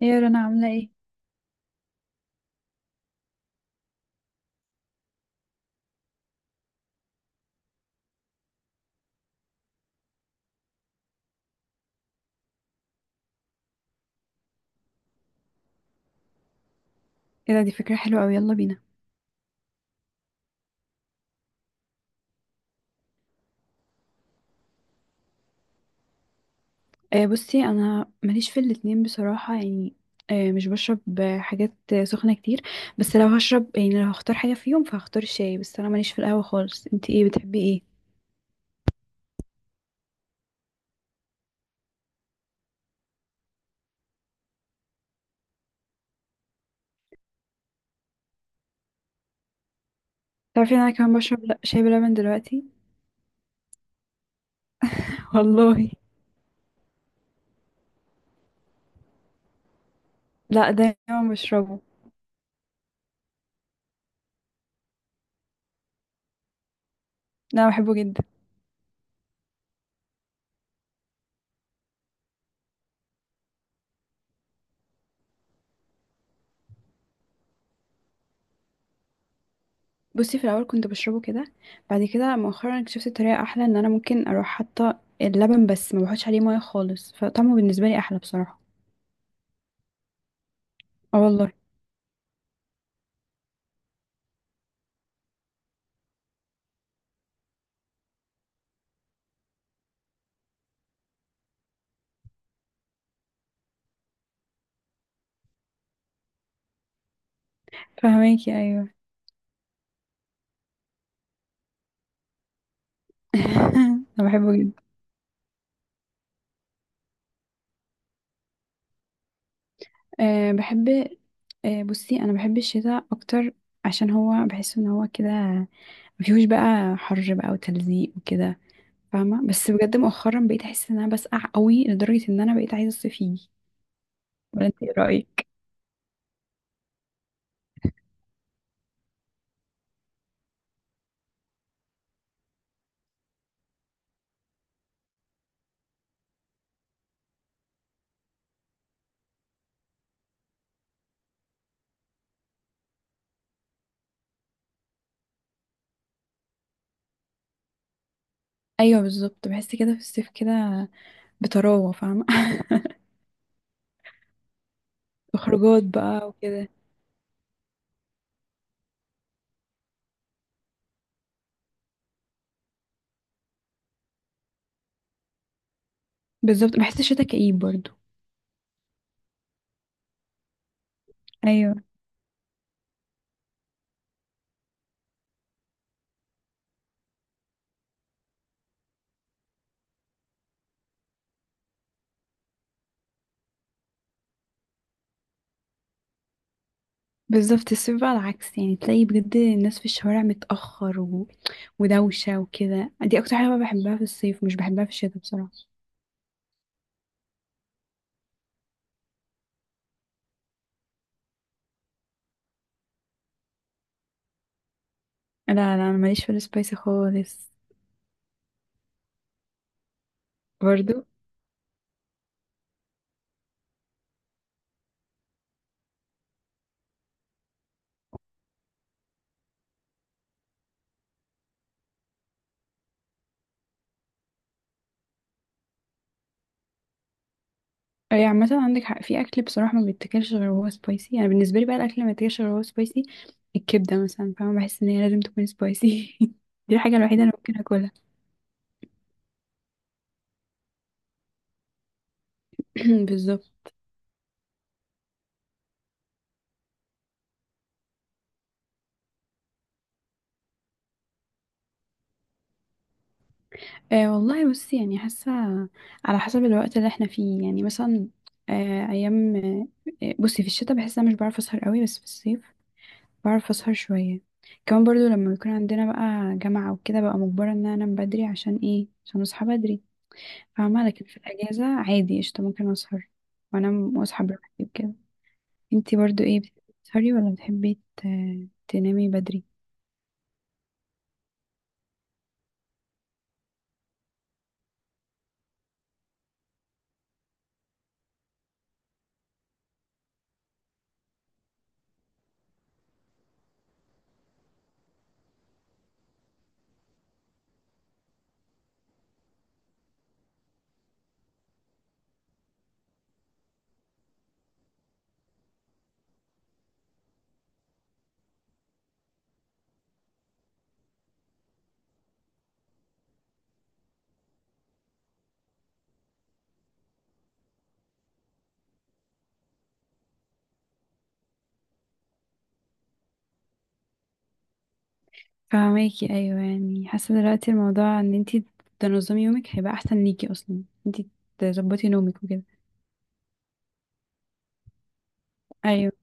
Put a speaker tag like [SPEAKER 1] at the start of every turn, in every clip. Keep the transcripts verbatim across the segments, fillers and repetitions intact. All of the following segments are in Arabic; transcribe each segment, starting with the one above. [SPEAKER 1] يا رنا عاملة ايه؟ ايه ده، دي فكرة حلوة اوي، يلا بينا. آه بصي انا ماليش في الاتنين بصراحة، يعني آه مش بشرب آه، حاجات آه، سخنة كتير. بس لو هشرب، يعني لو هختار حاجة فيهم فهختار الشاي، بس انا ماليش في القهوة خالص. انتي ايه بتحبي ايه؟ تعرفي ان انا كمان بشرب لا شاي بلبن دلوقتي. والله. لا دايما بشربه. لا بحبه جدا. بصي في الاول كنت بشربه كده، بعد كده مؤخرا اكتشفت طريقة احلى، ان انا ممكن اروح حاطة اللبن بس ما بحطش عليه ميه خالص، فطعمه بالنسبة لي احلى بصراحة. اه والله. فهماكي، ايوه. انا بحبه جدا. أه بحب. أه بصي انا بحب الشتاء اكتر، عشان هو بحس ان هو كده مفيهوش بقى حر بقى وتلزيق وكده، فاهمه؟ بس بجد مؤخرا بقيت احس ان انا بسقع قوي لدرجه ان انا بقيت عايزه الصيف يجي. ولا انت ايه رايك؟ ايوه بالظبط، بحس كده في الصيف كده بطراوه، فاهمه؟ خروجات بقى وكده. بالظبط، بحس الشتاء كئيب برضو. ايوه بالظبط، الصيف بقى العكس، يعني تلاقي بجد الناس في الشوارع متأخر و... ودوشة وكده، دي أكتر حاجة بقى بحبها في الصيف، مش بحبها في الشتاء بصراحة. لا لا، أنا ماليش في السبايسي خالص. برضو. أي عامة عندك حق، في أكل بصراحة ما بيتاكلش غير وهو سبايسي. أنا بالنسبة لي بقى، الأكل اللي ما بيتاكلش غير وهو سبايسي الكبدة مثلا، فاهمة؟ بحس إن هي لازم تكون سبايسي. دي الحاجة الوحيدة اللي ممكن أكلها. بالظبط. آه والله بصي، يعني حاسة على حسب الوقت اللي احنا فيه، يعني مثلا آه أيام، آه بصي في الشتاء بحس إن أنا مش بعرف أسهر قوي، بس في الصيف بعرف اسهر شوية. كمان برضو لما بيكون عندنا بقى جامعة وكده، بقى مجبرة ان انا انام بدري عشان ايه، عشان اصحى بدري، فاهمة؟ لكن في الاجازة عادي قشطة، ممكن اسهر وانام واصحى براحتي وكده. انتي برضو ايه، بتحبي تسهري ولا بتحبي ت- تنامي بدري؟ فاهماكي، ايوه. يعني حاسة دلوقتي الموضوع ان انتي تنظمي يومك هيبقى احسن ليكي، اصلا انتي تظبطي نومك وكده. ايوه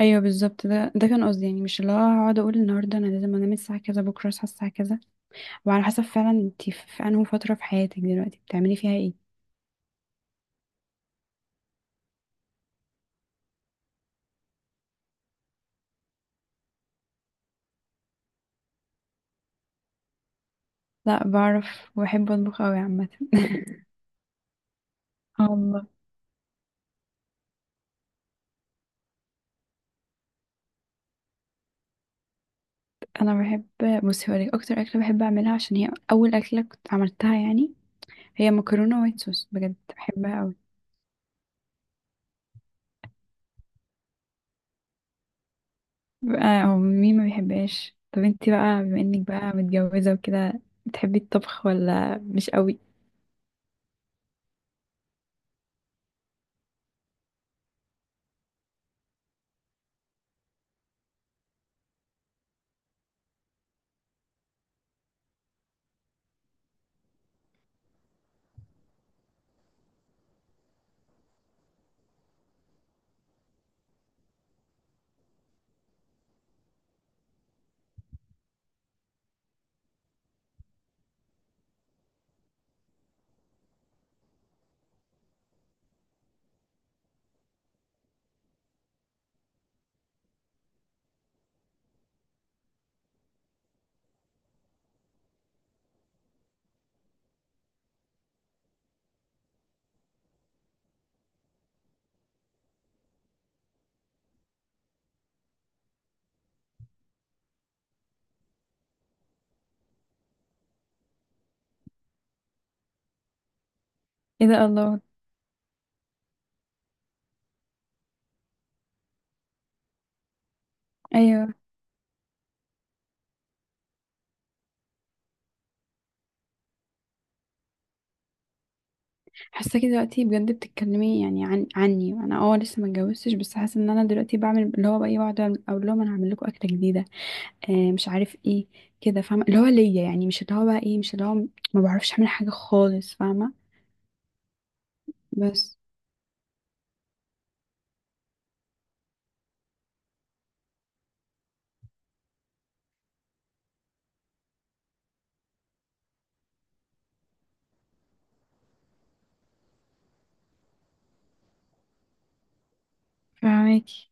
[SPEAKER 1] ايوه بالظبط، ده ده كان قصدي، يعني مش اللي هو هقعد اقول النهارده انا لازم انام الساعه كذا، بكره اصحى الساعه كذا، وعلى حسب فعلا انتي في في انهي فترة في حياتك دلوقتي بتعملي فيها ايه. لا بعرف وبحب اطبخ اوي عامة. آه والله. انا بحب، بصي هقولك اكتر اكلة بحب اعملها، عشان هي اول اكلة كنت عملتها يعني، هي مكرونة وايت صوص، بجد بحبها اوي. بقى هو مين ما بيحبهاش؟ طب انتي بقى بما انك بقى متجوزة وكده، بتحبي الطبخ ولا مش قوي؟ ايه ده، الله! ايوه، حاساكي دلوقتي بجد بتتكلمي يعني عن عني، انا اه لسه ما اتجوزتش، بس حاسه ان انا دلوقتي بعمل اللي هو بقى ايه، بقعد أعمل- اقول لهم انا هعمل لكم اكله جديده، آه مش عارف ايه كده، فاهمه؟ اللي هو ليا، يعني مش اللي هو بقى ايه، مش اللي هو ما بعرفش اعمل حاجه خالص، فاهمه؟ بس فاهماكي،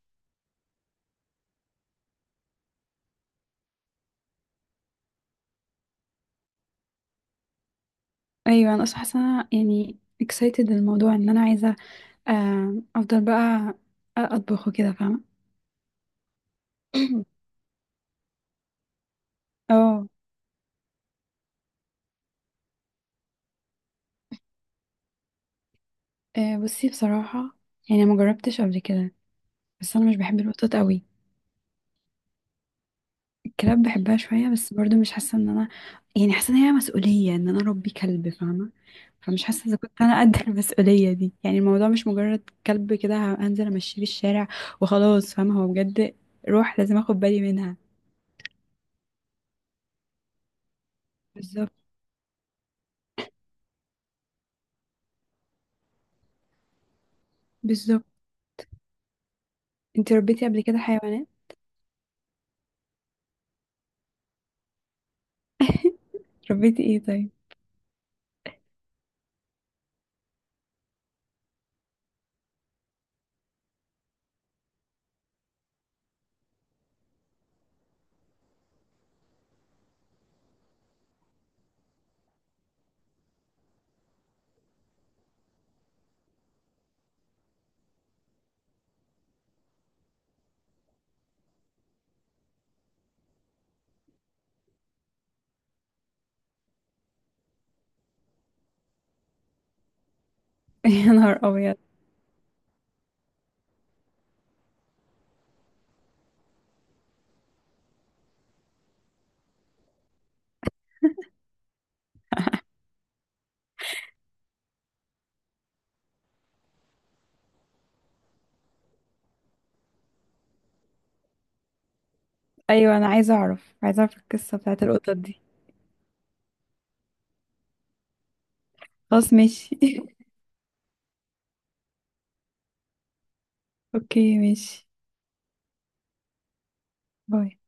[SPEAKER 1] ايوه. انا اصلا حاسه إن أنا يعني excited الموضوع، ان انا عايزه آه افضل بقى اطبخ وكده، فاهمه؟ اه. آه، بصي بصراحه يعني ما جربتش قبل كده، بس انا مش بحب الوطاط قوي. كلاب بحبها شوية بس برضو مش حاسة ان انا، يعني حاسة ان هي مسؤولية ان انا اربي كلب، فاهمة؟ فمش حاسة اذا كنت انا قد المسؤولية دي، يعني الموضوع مش مجرد كلب كده هنزل امشيه في الشارع وخلاص، فاهمة؟ هو بجد روح، لازم اخد بالي منها. بالظبط. بالظبط. انتي ربيتي قبل كده حيوانات؟ ربيتي ايه طيب؟ يا نهار ابيض! ايوه انا عايزة اعرف، عايزة اعرف القصة بتاعت القطط دي. خلاص ماشي. اوكي ماشي، باي.